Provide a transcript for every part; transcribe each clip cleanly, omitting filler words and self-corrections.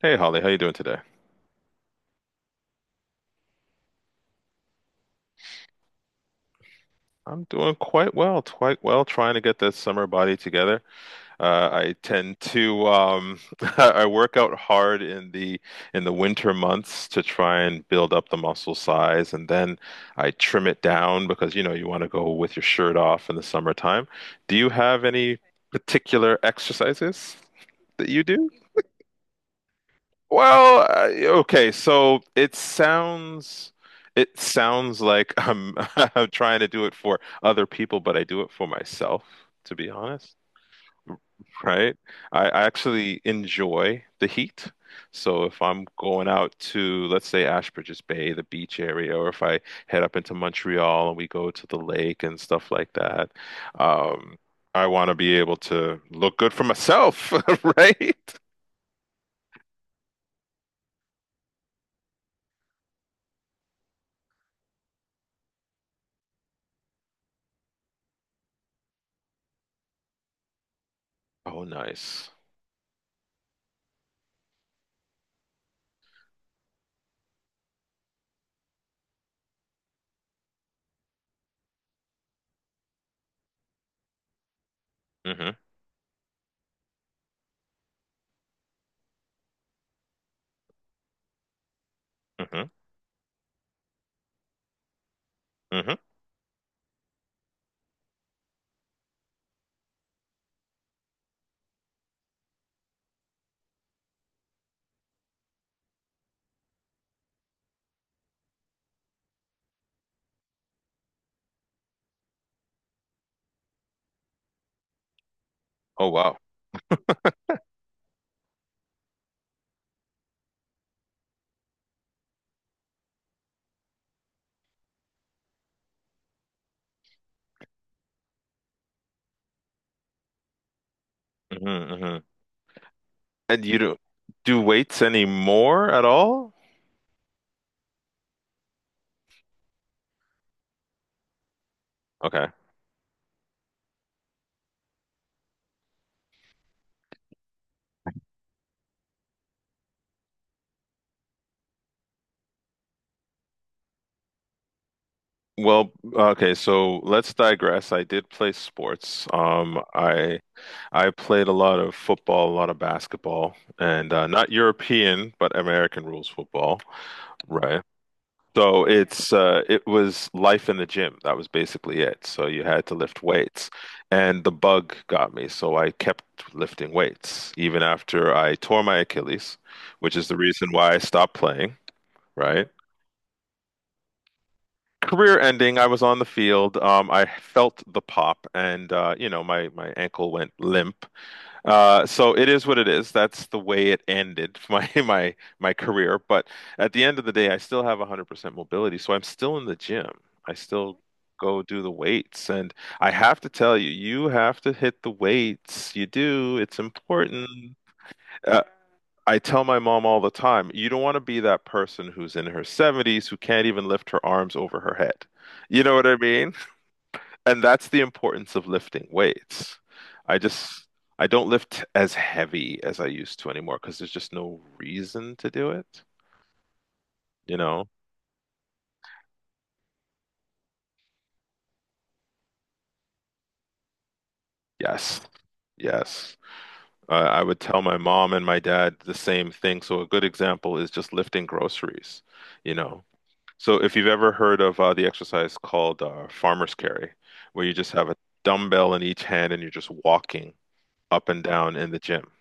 Hey Holly, how you doing today? I'm doing quite well, trying to get this summer body together. I tend to I work out hard in the winter months to try and build up the muscle size, and then I trim it down because you know you want to go with your shirt off in the summertime. Do you have any particular exercises that you do? Well, uh, okay, so it sounds like I'm I'm trying to do it for other people, but I do it for myself, to be honest, right? I actually enjoy the heat. So if I'm going out to, let's say, Ashbridges Bay, the beach area, or if I head up into Montreal and we go to the lake and stuff like that, um, I want to be able to look good for myself, right? Oh, nice. Hmm. Hmm. Hmm. Oh wow. Hmm. Hmm. And you do weights anymore at all? Okay. Okay, so let's digress. I did play sports. I played a lot of football, a lot of basketball, and not European, but American rules football. Right. So it was life in the gym. That was basically it. So you had to lift weights, and the bug got me. So I kept lifting weights even after I tore my Achilles, which is the reason why I stopped playing, right? Career ending. I was on the field. I felt the pop, and you know my ankle went limp, so it is what it is. That's the way it ended my career. But at the end of the day, I still have 100% mobility, so I'm still in the gym. I still go do the weights, and I have to tell you, you have to hit the weights. You do. It's important. Uh, I tell my mom all the time, you don't want to be that person who's in her 70s who can't even lift her arms over her head. You know what I mean? And that's the importance of lifting weights. I just I don't lift as heavy as I used to anymore because there's just no reason to do it, you know? Yes. Yes. I would tell my mom and my dad the same thing. So a good example is just lifting groceries, you know. So if you've ever heard of the exercise called farmer's carry, where you just have a dumbbell in each hand and you're just walking up and down in the gym.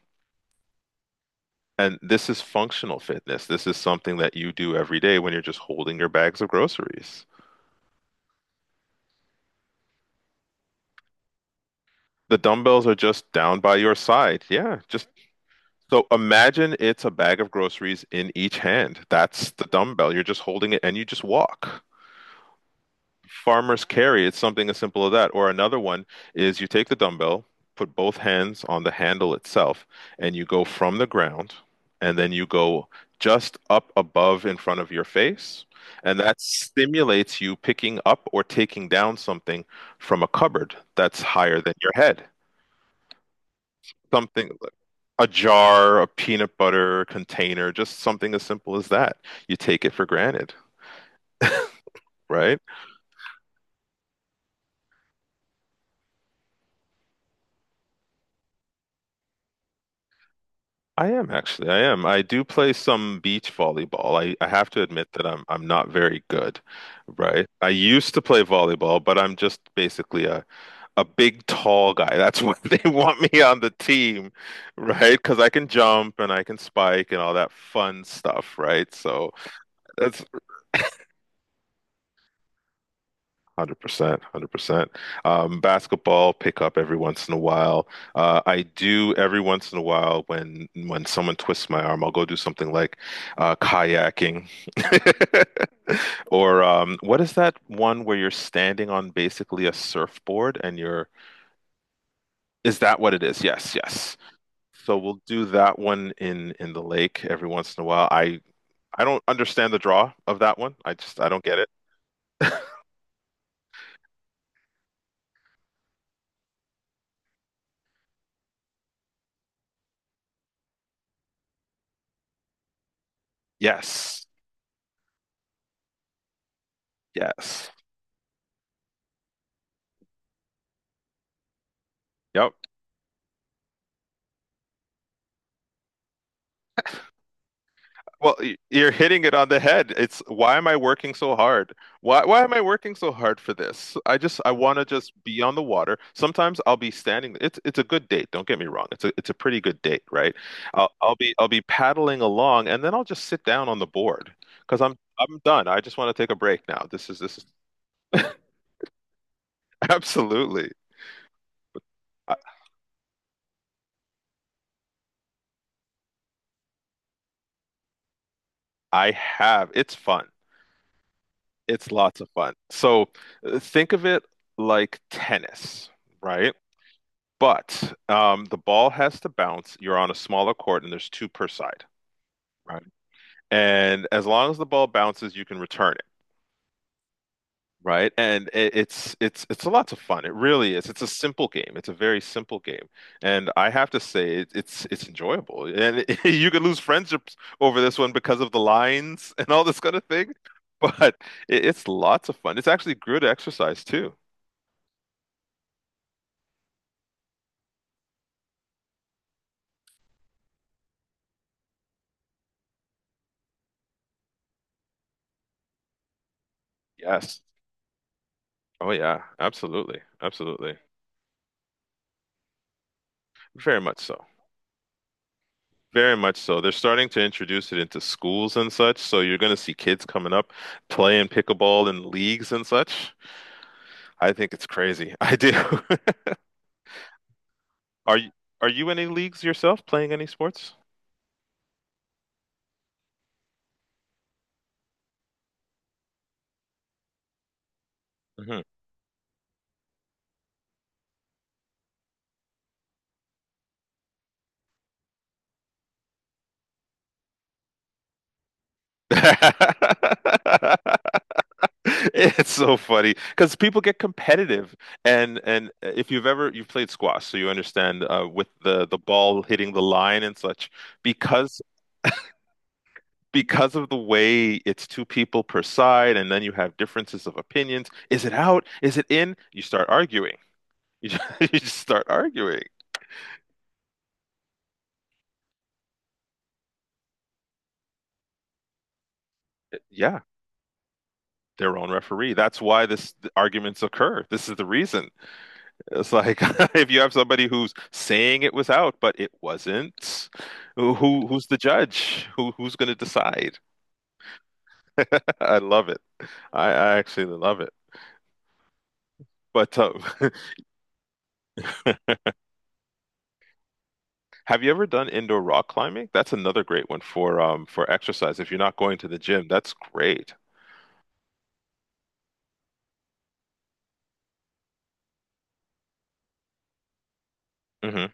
And this is functional fitness. This is something that you do every day when you're just holding your bags of groceries. The dumbbells are just down by your side. Yeah, just so imagine it's a bag of groceries in each hand. That's the dumbbell. You're just holding it and you just walk. Farmer's carry, it's something as simple as that. Or another one is you take the dumbbell, put both hands on the handle itself, and you go from the ground, and then you go just up above in front of your face. And that stimulates you picking up or taking down something from a cupboard that's higher than your head. Something like a jar, a peanut butter container, just something as simple as that. You take it for granted, right? I am actually. I am. I do play some beach volleyball. I have to admit that I'm not very good, right? I used to play volleyball, but I'm just basically a big tall guy. That's why they want me on the team, right? Because I can jump and I can spike and all that fun stuff, right? So that's 100%, 100%. Basketball pick up every once in a while. I do every once in a while when someone twists my arm, I'll go do something like kayaking or what is that one where you're standing on basically a surfboard and you're is that what it is? Yes, yes. So we'll do that one in the lake every once in a while. I don't understand the draw of that one. I don't get it. Yes. Yes. Yep. Well, you're hitting it on the head. It's why am I working so hard? Why am I working so hard for this? I want to just be on the water. Sometimes I'll be standing. It's a good date. Don't get me wrong. It's a pretty good date, right? I'll be paddling along, and then I'll just sit down on the board because I'm done. I just want to take a break now. This is absolutely. I, I have. It's fun. It's lots of fun. So think of it like tennis, right? But the ball has to bounce. You're on a smaller court, and there's two per side. Right. And as long as the ball bounces, you can return it, right? And it's a lot of fun. It really is. It's a simple game. It's a very simple game, and I have to say it's enjoyable. And you could lose friendships over this one because of the lines and all this kind of thing, but it's lots of fun. It's actually good exercise too. Yes. Oh yeah. Absolutely. Absolutely. Very much so. Very much so. They're starting to introduce it into schools and such, so you're going to see kids coming up playing pickleball in leagues and such. I think it's crazy. I do. Are you are you in any leagues yourself, playing any sports? Hmm. It's so funny because people get competitive, and if you've played squash, so you understand with the ball hitting the line and such, because because of the way it's two people per side, and then you have differences of opinions. Is it out? Is it in? You start arguing. You just start arguing. Yeah, their own referee. That's why this the arguments occur. This is the reason. It's like if you have somebody who's saying it was out, but it wasn't, who's the judge? Who's going to decide? I love it. I actually love it. But Have you ever done indoor rock climbing? That's another great one for exercise. If you're not going to the gym, that's great. Hmm.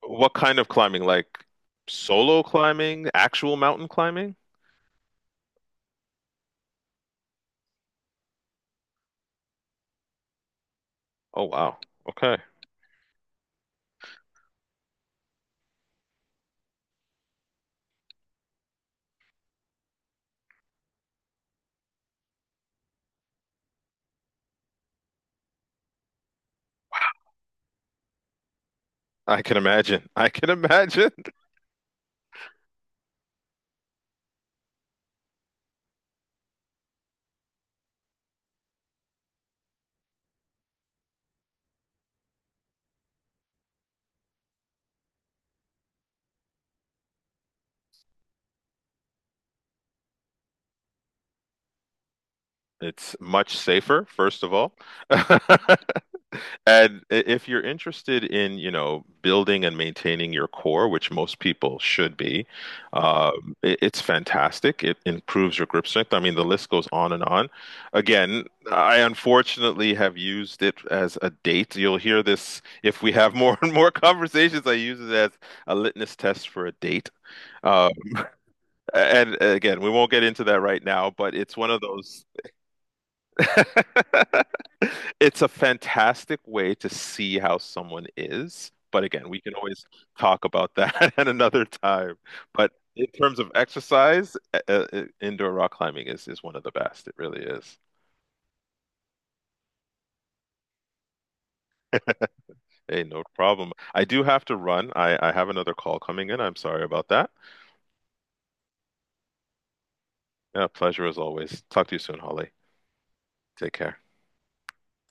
What kind of climbing? Like solo climbing, actual mountain climbing? Oh wow. Okay. I can imagine. I can imagine. It's much safer, first of all. And if you're interested in, you know, building and maintaining your core, which most people should be, it's fantastic. It improves your grip strength. I mean, the list goes on and on. Again, I unfortunately have used it as a date. You'll hear this if we have more and more conversations. I use it as a litmus test for a date. Uh, and again, we won't get into that right now, but it's one of those It's a fantastic way to see how someone is. But again, we can always talk about that at another time. But in terms of exercise, indoor rock climbing is one of the best. It really is. Hey, no problem. I do have to run. I have another call coming in. I'm sorry about that. Yeah, pleasure as always. Talk to you soon, Holly. Take care.